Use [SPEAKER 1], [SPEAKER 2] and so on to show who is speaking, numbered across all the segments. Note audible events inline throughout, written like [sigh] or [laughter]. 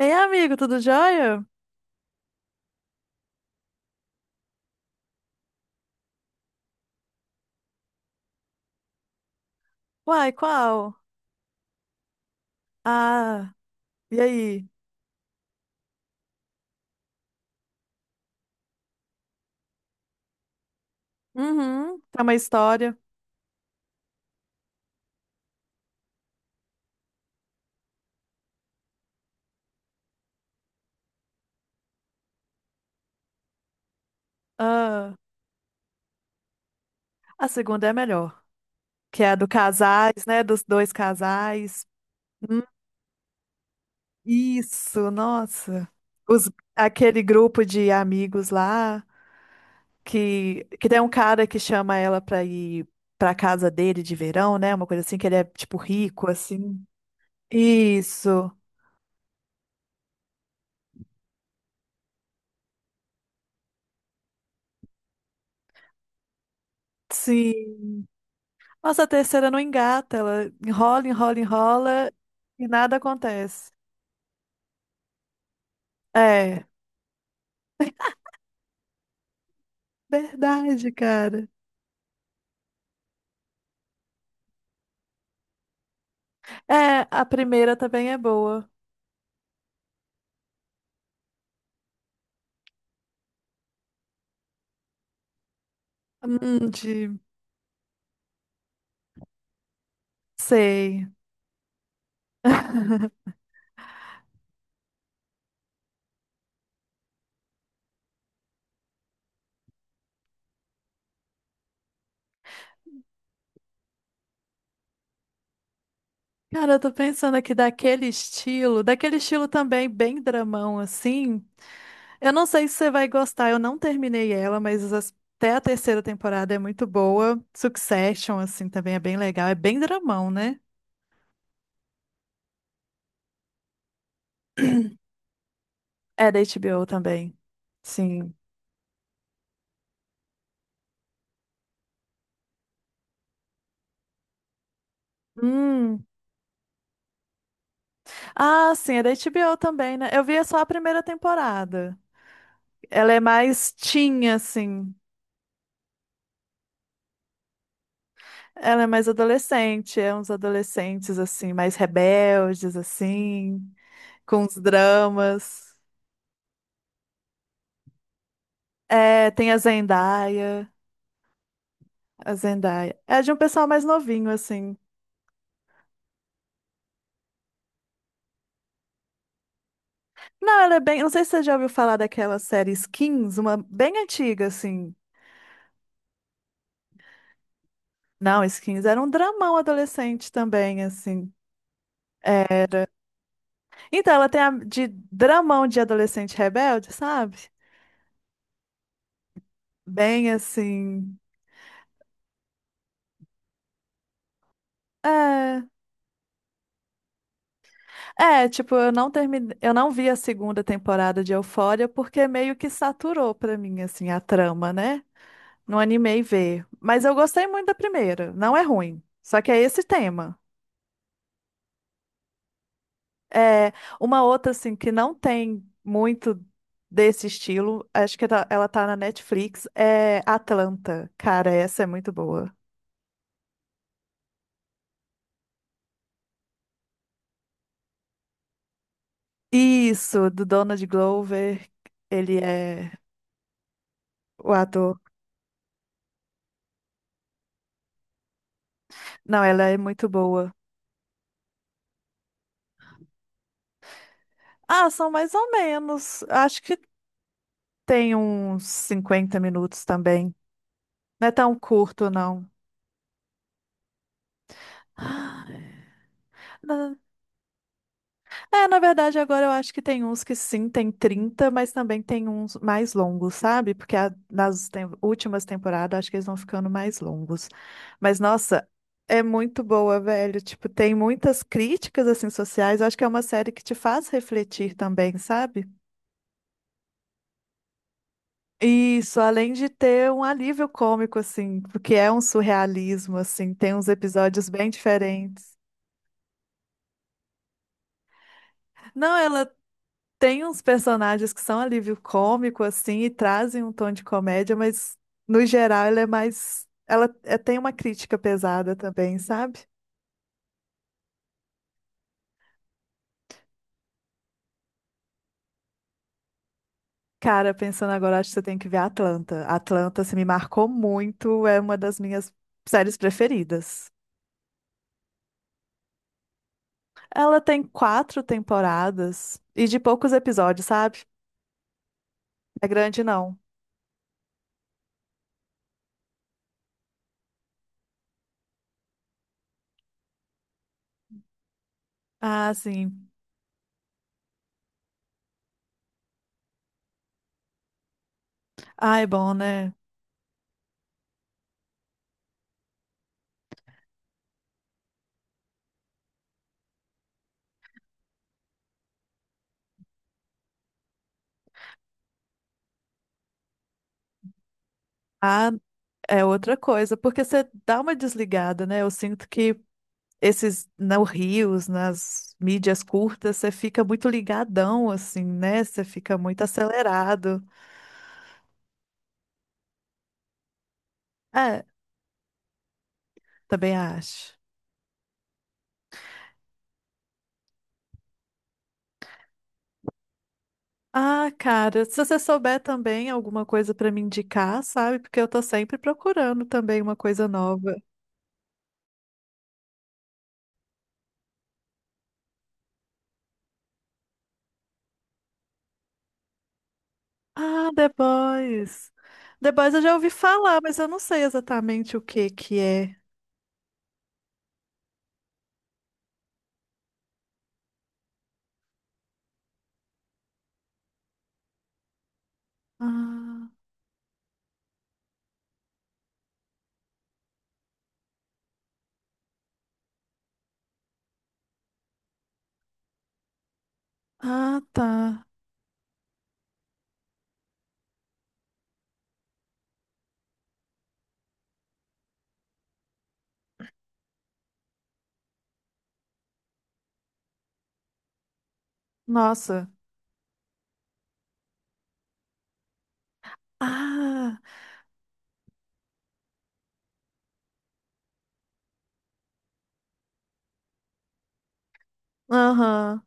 [SPEAKER 1] Ei, amigo, tudo jóia? Uai, qual? Ah, e aí? Uhum, tem uma história. Ah, a segunda é a melhor, que é a do casais, né? Dos dois casais. Hum, isso, nossa. Os, aquele grupo de amigos lá, que tem um cara que chama ela pra ir pra casa dele de verão, né? Uma coisa assim, que ele é, tipo, rico, assim. Isso, sim. Nossa, a terceira não engata, ela enrola, enrola, enrola e nada acontece. É, [laughs] verdade, cara. É, a primeira também é boa. De... Sei. [laughs] Cara, eu tô pensando aqui daquele estilo também bem dramão, assim. Eu não sei se você vai gostar, eu não terminei ela, mas até a terceira temporada é muito boa. Succession, assim, também é bem legal. É bem dramão, né? É da HBO também. Sim. Hum. Ah, sim, é da HBO também, né? Eu via só a primeira temporada. Ela é mais teen, assim. Ela é mais adolescente, é uns adolescentes, assim, mais rebeldes, assim, com os dramas. É, tem a Zendaya. A Zendaya. É de um pessoal mais novinho, assim. Não, ela é bem. Não sei se você já ouviu falar daquela série Skins, uma bem antiga, assim. Não, Skins era um dramão adolescente também, assim. Era, então, ela tem a de dramão de adolescente rebelde, sabe? Bem assim. É, é, tipo, eu não terminei, eu não vi a segunda temporada de Euphoria porque meio que saturou pra mim assim a trama, né? Não animei ver, mas eu gostei muito da primeira, não é ruim. Só que é esse tema. É uma outra assim que não tem muito desse estilo, acho que ela tá na Netflix, é Atlanta. Cara, essa é muito boa. Isso, do Donald Glover. Ele é o ator. Não, ela é muito boa. Ah, são mais ou menos. Acho que tem uns 50 minutos também. Não é tão curto, não. [gasps] Não, é, na verdade, agora eu acho que tem uns que sim, tem 30, mas também tem uns mais longos, sabe? Porque últimas temporadas, acho que eles vão ficando mais longos. Mas, nossa, é muito boa, velho. Tipo, tem muitas críticas, assim, sociais. Eu acho que é uma série que te faz refletir também, sabe? Isso, além de ter um alívio cômico, assim, porque é um surrealismo, assim, tem uns episódios bem diferentes. Não, ela tem uns personagens que são alívio cômico, assim, e trazem um tom de comédia, mas no geral ela é mais. Tem uma crítica pesada também, sabe? Cara, pensando agora, acho que você tem que ver Atlanta. Atlanta, se me marcou muito, é uma das minhas séries preferidas. Ela tem 4 temporadas e de poucos episódios, sabe? É grande, não. Ah, sim. Ah, é bom, né? Ah, é outra coisa, porque você dá uma desligada, né? Eu sinto que esses nos rios, nas mídias curtas, você fica muito ligadão, assim, né? Você fica muito acelerado. É, também acho. Ah, cara, se você souber também alguma coisa pra me indicar, sabe? Porque eu tô sempre procurando também uma coisa nova. Ah, The Boys. The Boys eu já ouvi falar, mas eu não sei exatamente o que que é. Ah, ah, tá. Nossa. Ah, aham.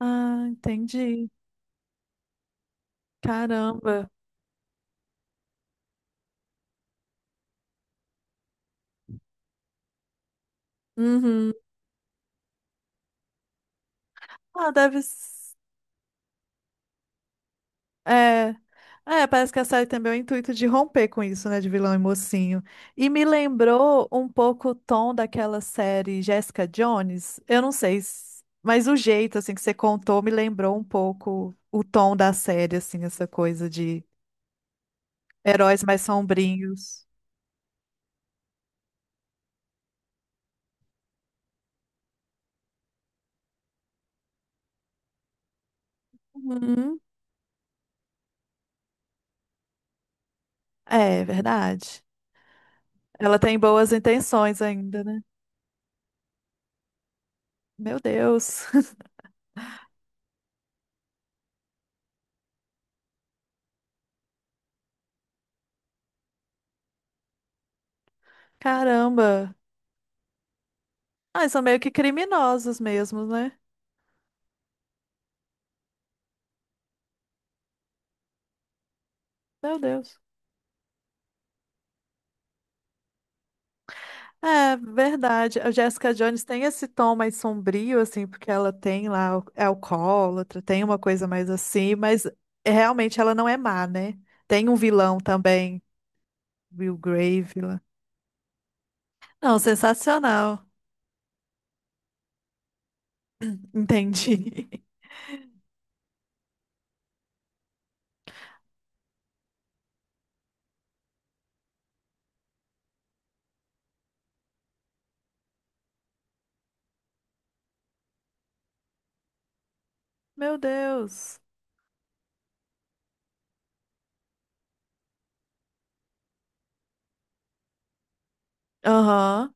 [SPEAKER 1] Ah, entendi. Caramba. Uhum. Ah, deve. É. É, parece que a série tem bem o intuito de romper com isso, né, de vilão e mocinho. E me lembrou um pouco o tom daquela série Jessica Jones. Eu não sei, mas o jeito assim que você contou me lembrou um pouco o tom da série, assim, essa coisa de heróis mais sombrios. Uhum. É, verdade. Ela tem boas intenções ainda, né? Meu Deus. [laughs] Caramba. Ah, eles são meio que criminosos mesmo, né? Meu Deus. É verdade. A Jessica Jones tem esse tom mais sombrio, assim, porque ela tem lá, é alcoólatra, tem uma coisa mais assim, mas realmente ela não é má, né? Tem um vilão também, Will Grave lá. Não, sensacional. Entendi. [laughs] Meu Deus. Aham.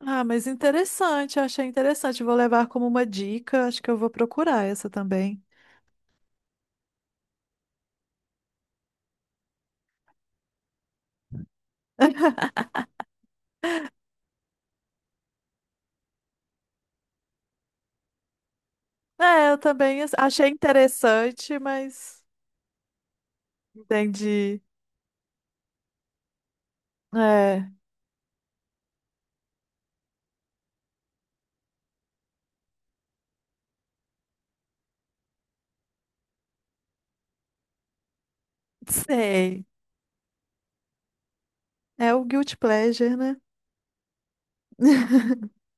[SPEAKER 1] Ah, mas interessante, eu achei interessante. Vou levar como uma dica, acho que eu vou procurar essa também. [laughs] É, eu também achei interessante, mas entendi. É, sei. É o guilty pleasure, né? [laughs]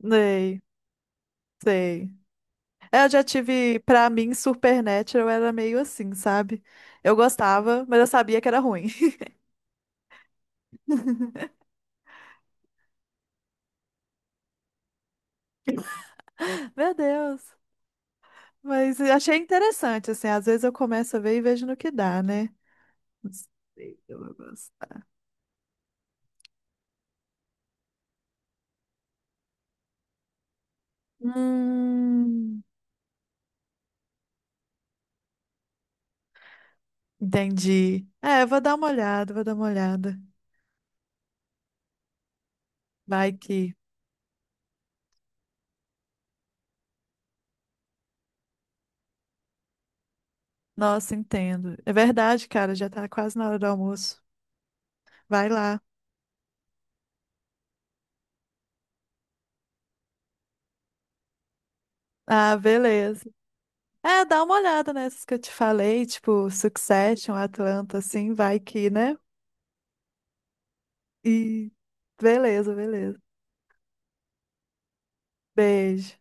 [SPEAKER 1] Sei, sei. É, eu já tive, pra mim, Supernatural era meio assim, sabe? Eu gostava, mas eu sabia que era ruim. [laughs] Meu Deus. Mas eu achei interessante, assim, às vezes eu começo a ver e vejo no que dá, né? Não sei, eu vou gostar. Hum, entendi. É, eu vou dar uma olhada, vou dar uma olhada. Vai que. Nossa, entendo. É verdade, cara, já tá quase na hora do almoço. Vai lá. Ah, beleza. É, dá uma olhada nessas que eu te falei, tipo Succession, Atlanta, assim, vai que, né? E beleza, beleza. Beijo.